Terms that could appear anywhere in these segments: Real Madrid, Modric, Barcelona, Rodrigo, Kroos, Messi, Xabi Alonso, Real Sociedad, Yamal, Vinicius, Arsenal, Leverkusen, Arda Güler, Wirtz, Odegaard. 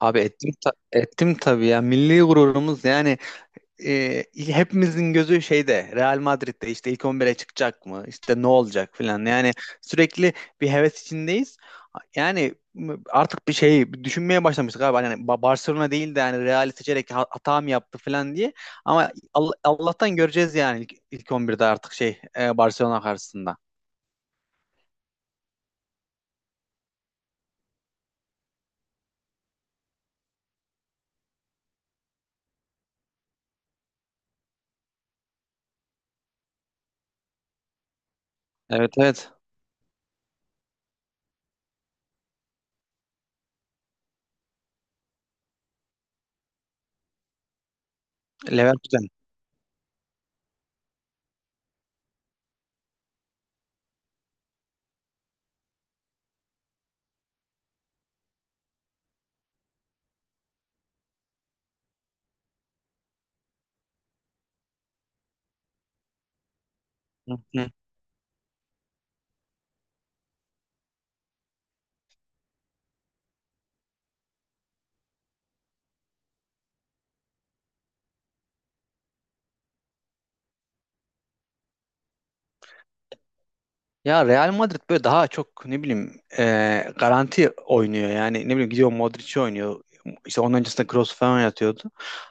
Abi ettim tabii ya. Milli gururumuz yani. Hepimizin gözü Real Madrid'de, işte ilk 11'e çıkacak mı? İşte ne olacak filan. Yani sürekli bir heves içindeyiz. Yani artık bir şey düşünmeye başlamıştık abi. Hani Barcelona değil de, yani Real'i seçerek hata mı yaptı filan diye. Ama Allah'tan göreceğiz, yani ilk 11'de artık Barcelona karşısında. Evet, evet. Leverkusen. Hı. Ya Real Madrid böyle daha çok ne bileyim, garanti oynuyor, yani ne bileyim gidiyor Modric'i oynuyor. İşte onun öncesinde Kroos falan yatıyordu,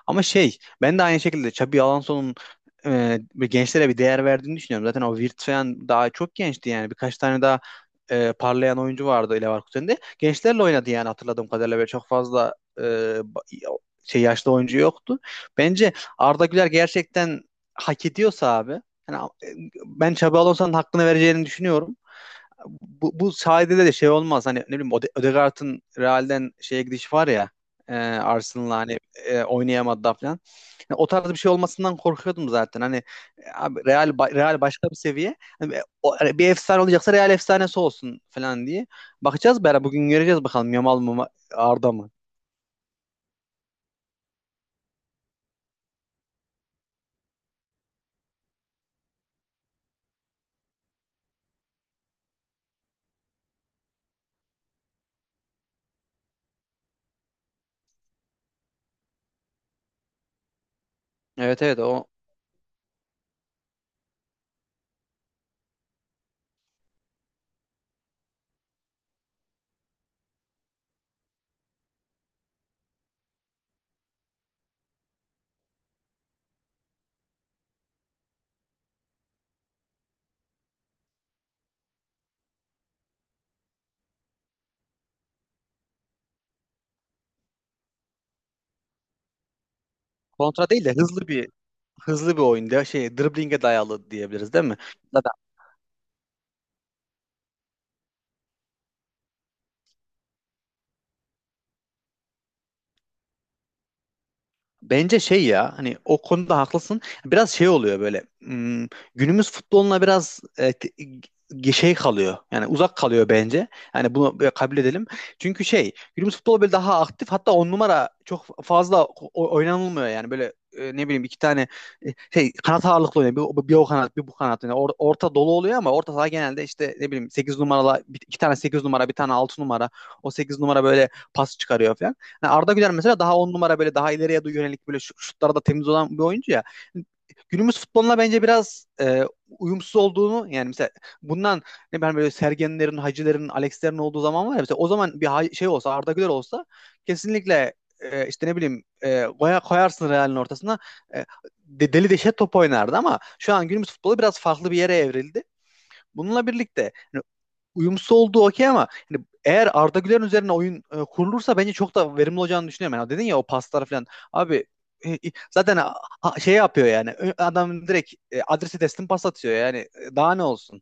ama şey, ben de aynı şekilde Xabi Alonso'nun bir gençlere bir değer verdiğini düşünüyorum. Zaten o Wirtz falan daha çok gençti, yani birkaç tane daha parlayan oyuncu vardı. Leverkusen'de gençlerle oynadı, yani hatırladığım kadarıyla böyle çok fazla yaşlı oyuncu yoktu. Bence Arda Güler gerçekten hak ediyorsa abi, yani, ben Xabi Alonso'nun hakkını vereceğini düşünüyorum. Bu sayede de şey olmaz. Hani, ne bileyim, Odegaard'ın Real'den şeye gidişi var ya, Arsenal'la hani oynayamadı da falan. Yani o tarz bir şey olmasından korkuyordum zaten. Hani, abi Real Real başka bir seviye. Hani, bir efsane olacaksa Real efsanesi olsun falan diye. Bakacağız beraber, bugün göreceğiz bakalım, Yamal mı Arda mı? Evet, evet. O kontra değil de hızlı bir, hızlı bir oyunda driblinge dayalı diyebiliriz değil mi? Zaten bence şey, ya hani, o konuda haklısın. Biraz şey oluyor böyle, günümüz futboluna biraz kalıyor. Yani uzak kalıyor bence. Yani bunu böyle kabul edelim. Çünkü şey, günümüz futbolu böyle daha aktif, hatta 10 numara çok fazla oynanılmıyor, yani böyle ne bileyim iki tane e, kanat ağırlıklı oynuyor. Bir o kanat, bir bu kanat, yani orta dolu oluyor, ama orta saha genelde işte ne bileyim 8 numaralı, iki tane 8 numara, bir tane 6 numara. O 8 numara böyle pas çıkarıyor falan. Yani Arda Güler mesela daha 10 numara, böyle daha ileriye doğru yönelik, böyle şutlarda temiz olan bir oyuncu ya. Günümüz futboluna bence biraz uyumsuz olduğunu, yani mesela bundan, ne ben, böyle Sergenlerin, Hacilerin, Alexlerin olduğu zaman var ya, mesela o zaman bir olsa, Arda Güler olsa kesinlikle işte ne bileyim koyarsın Real'in ortasına, e, deli deşe top oynardı. Ama şu an günümüz futbolu biraz farklı bir yere evrildi. Bununla birlikte hani uyumsuz olduğu okey, ama hani eğer Arda Güler'in üzerine oyun kurulursa, bence çok da verimli olacağını düşünüyorum. Yani dedin ya, o paslar falan. Abi e, e, zaten yapıyor yani. Adam direkt adresi teslim pas atıyor yani. Daha ne olsun?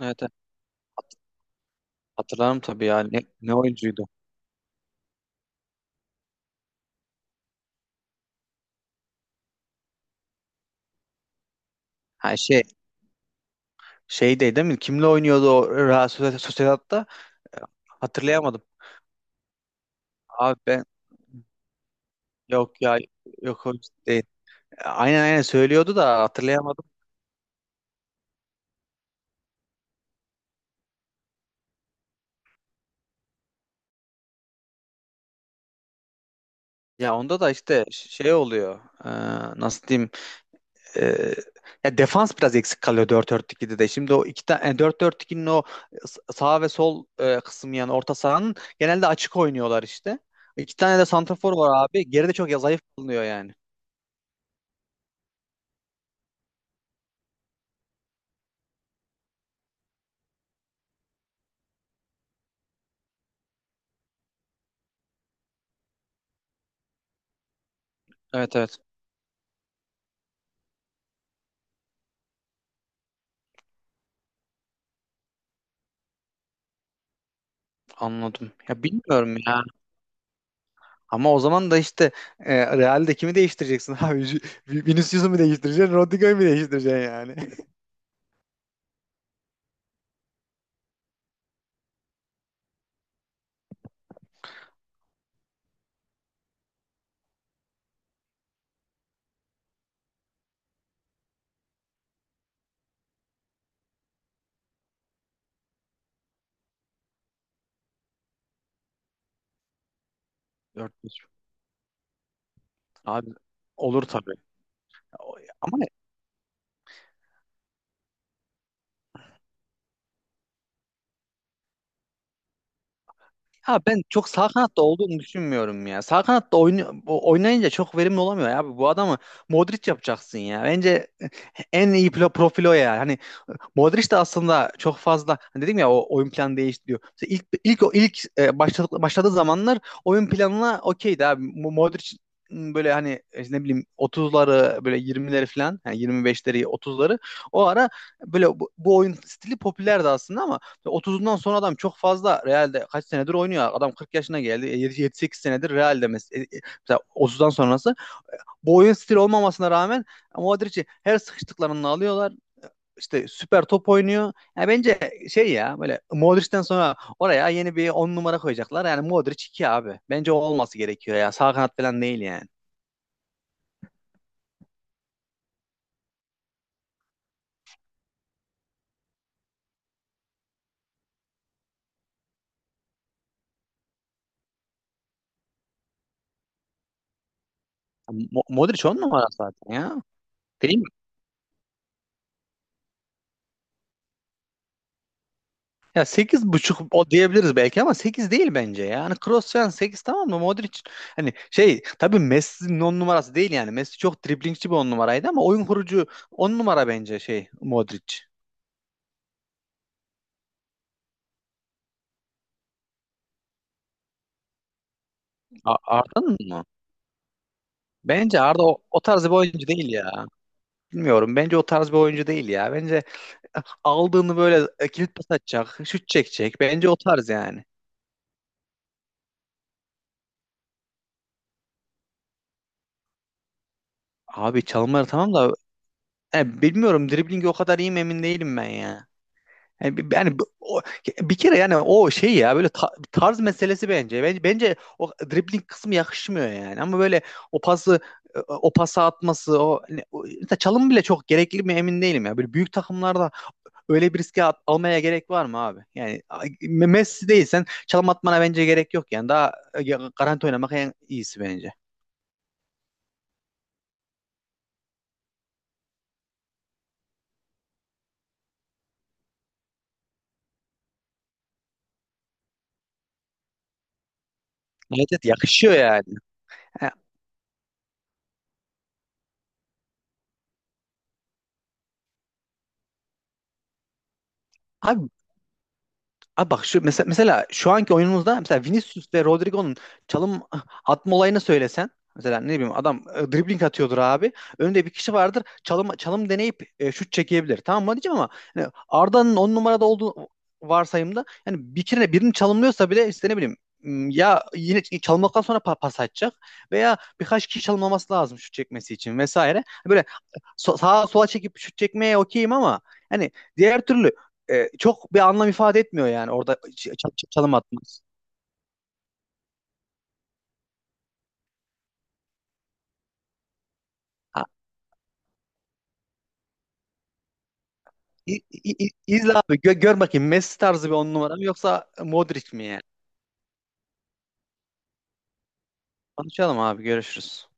Evet, evet. Hat- Hatırlarım tabii ya. Ne oyuncuydu? Ha, şeydeydi değil mi? Kimle oynuyordu o Real Sociedad'da? Hatırlayamadım. Abi ben, yok ya, yok, o değil. Aynen, aynen söylüyordu da hatırlayamadım. Ya onda da işte oluyor. Ee, nasıl diyeyim? Ee, ya defans biraz eksik kalıyor dört dört 2'de de. Şimdi o iki tane dört dört iki'nin o sağ ve sol kısmı, yani orta sahanın genelde açık oynuyorlar işte. İki tane de santrafor var abi. Geride çok, ya zayıf kalınıyor yani. Evet, evet, anladım. Ya bilmiyorum ya. Ama o zaman da işte Real'de kimi değiştireceksin abi? Vinicius'u mu değiştireceksin? Rodrigo'yu mu değiştireceksin yani? Dört 5. Abi, olur tabii. Ama ya, ben çok sağ kanatta olduğunu düşünmüyorum ya. Sağ kanatta oynayınca çok verimli olamıyor ya. Bu adamı Modric yapacaksın ya. Bence en iyi profil o ya. Hani Modric de aslında çok fazla, hani dedim ya, o oyun planı değiştiriyor. Mesela ilk o ilk başladığı zamanlar oyun planına okeydi abi. Modric, böyle hani ne bileyim 30'ları böyle 20'leri falan, yani 25'leri 30'ları, o ara böyle bu oyun stili popülerdi aslında. Ama 30'undan sonra adam çok fazla Real'de kaç senedir oynuyor. Adam 40 yaşına geldi. 7-8 senedir Real'de mesela 30'dan sonrası bu oyun stili olmamasına rağmen Modric'i her sıkıştıklarında alıyorlar, işte süper top oynuyor. Yani bence böyle Modric'ten sonra oraya yeni bir 10 numara koyacaklar. Yani Modric 2 abi. Bence o olması gerekiyor ya. Sağ kanat falan değil yani. Modric 10 numara zaten ya. Değil mi? Ya sekiz buçuk o diyebiliriz belki, ama 8 değil bence ya. Yani Kroos falan sekiz, tamam mı? Modric, hani, tabii Messi'nin 10 numarası değil yani. Messi çok driblingçi bir 10 numaraydı, ama oyun kurucu 10 numara bence Modric. Arda'nın mı? Bence Arda o tarz bir oyuncu değil ya. Bilmiyorum. Bence o tarz bir oyuncu değil ya. Bence aldığını böyle, kilit pas atacak, şut çekecek. Bence o tarz yani. Abi çalımları tamam da bilmiyorum driblingi o kadar iyi mi emin değilim ben ya. Yani, bir kere, yani o tarz meselesi bence. Bence o dribling kısmı yakışmıyor yani. Ama böyle o pası o pası atması, mesela, çalım bile çok gerekli mi emin değilim ya. Böyle büyük takımlarda, öyle bir riske almaya gerek var mı abi? Yani Messi değilsen çalım atmana bence gerek yok yani. Daha garanti oynamak en iyisi bence. Evet, evet, yakışıyor yani. Ha, Abi Abi bak şu mesela, şu anki oyunumuzda mesela Vinicius ve Rodrigo'nun çalım atma olayını söylesen, mesela ne bileyim adam dribbling atıyordur abi. Önünde bir kişi vardır. Çalım çalım deneyip şut çekebilir, tamam mı diyeceğim. Ama yani Arda'nın 10 numarada olduğu varsayımda, yani bir kere birini çalımlıyorsa bile işte ne bileyim, ya yine çalımladıktan sonra pas atacak, veya birkaç kişi çalımlaması lazım şut çekmesi için vesaire. Böyle sağa sola çekip şut çekmeye okeyim, ama yani diğer türlü çok bir anlam ifade etmiyor yani, orada çalım atmaz. Ha, izle abi, gör bakayım, Messi tarzı bir 10 numara mı yoksa Modric mi yani? Konuşalım abi, görüşürüz.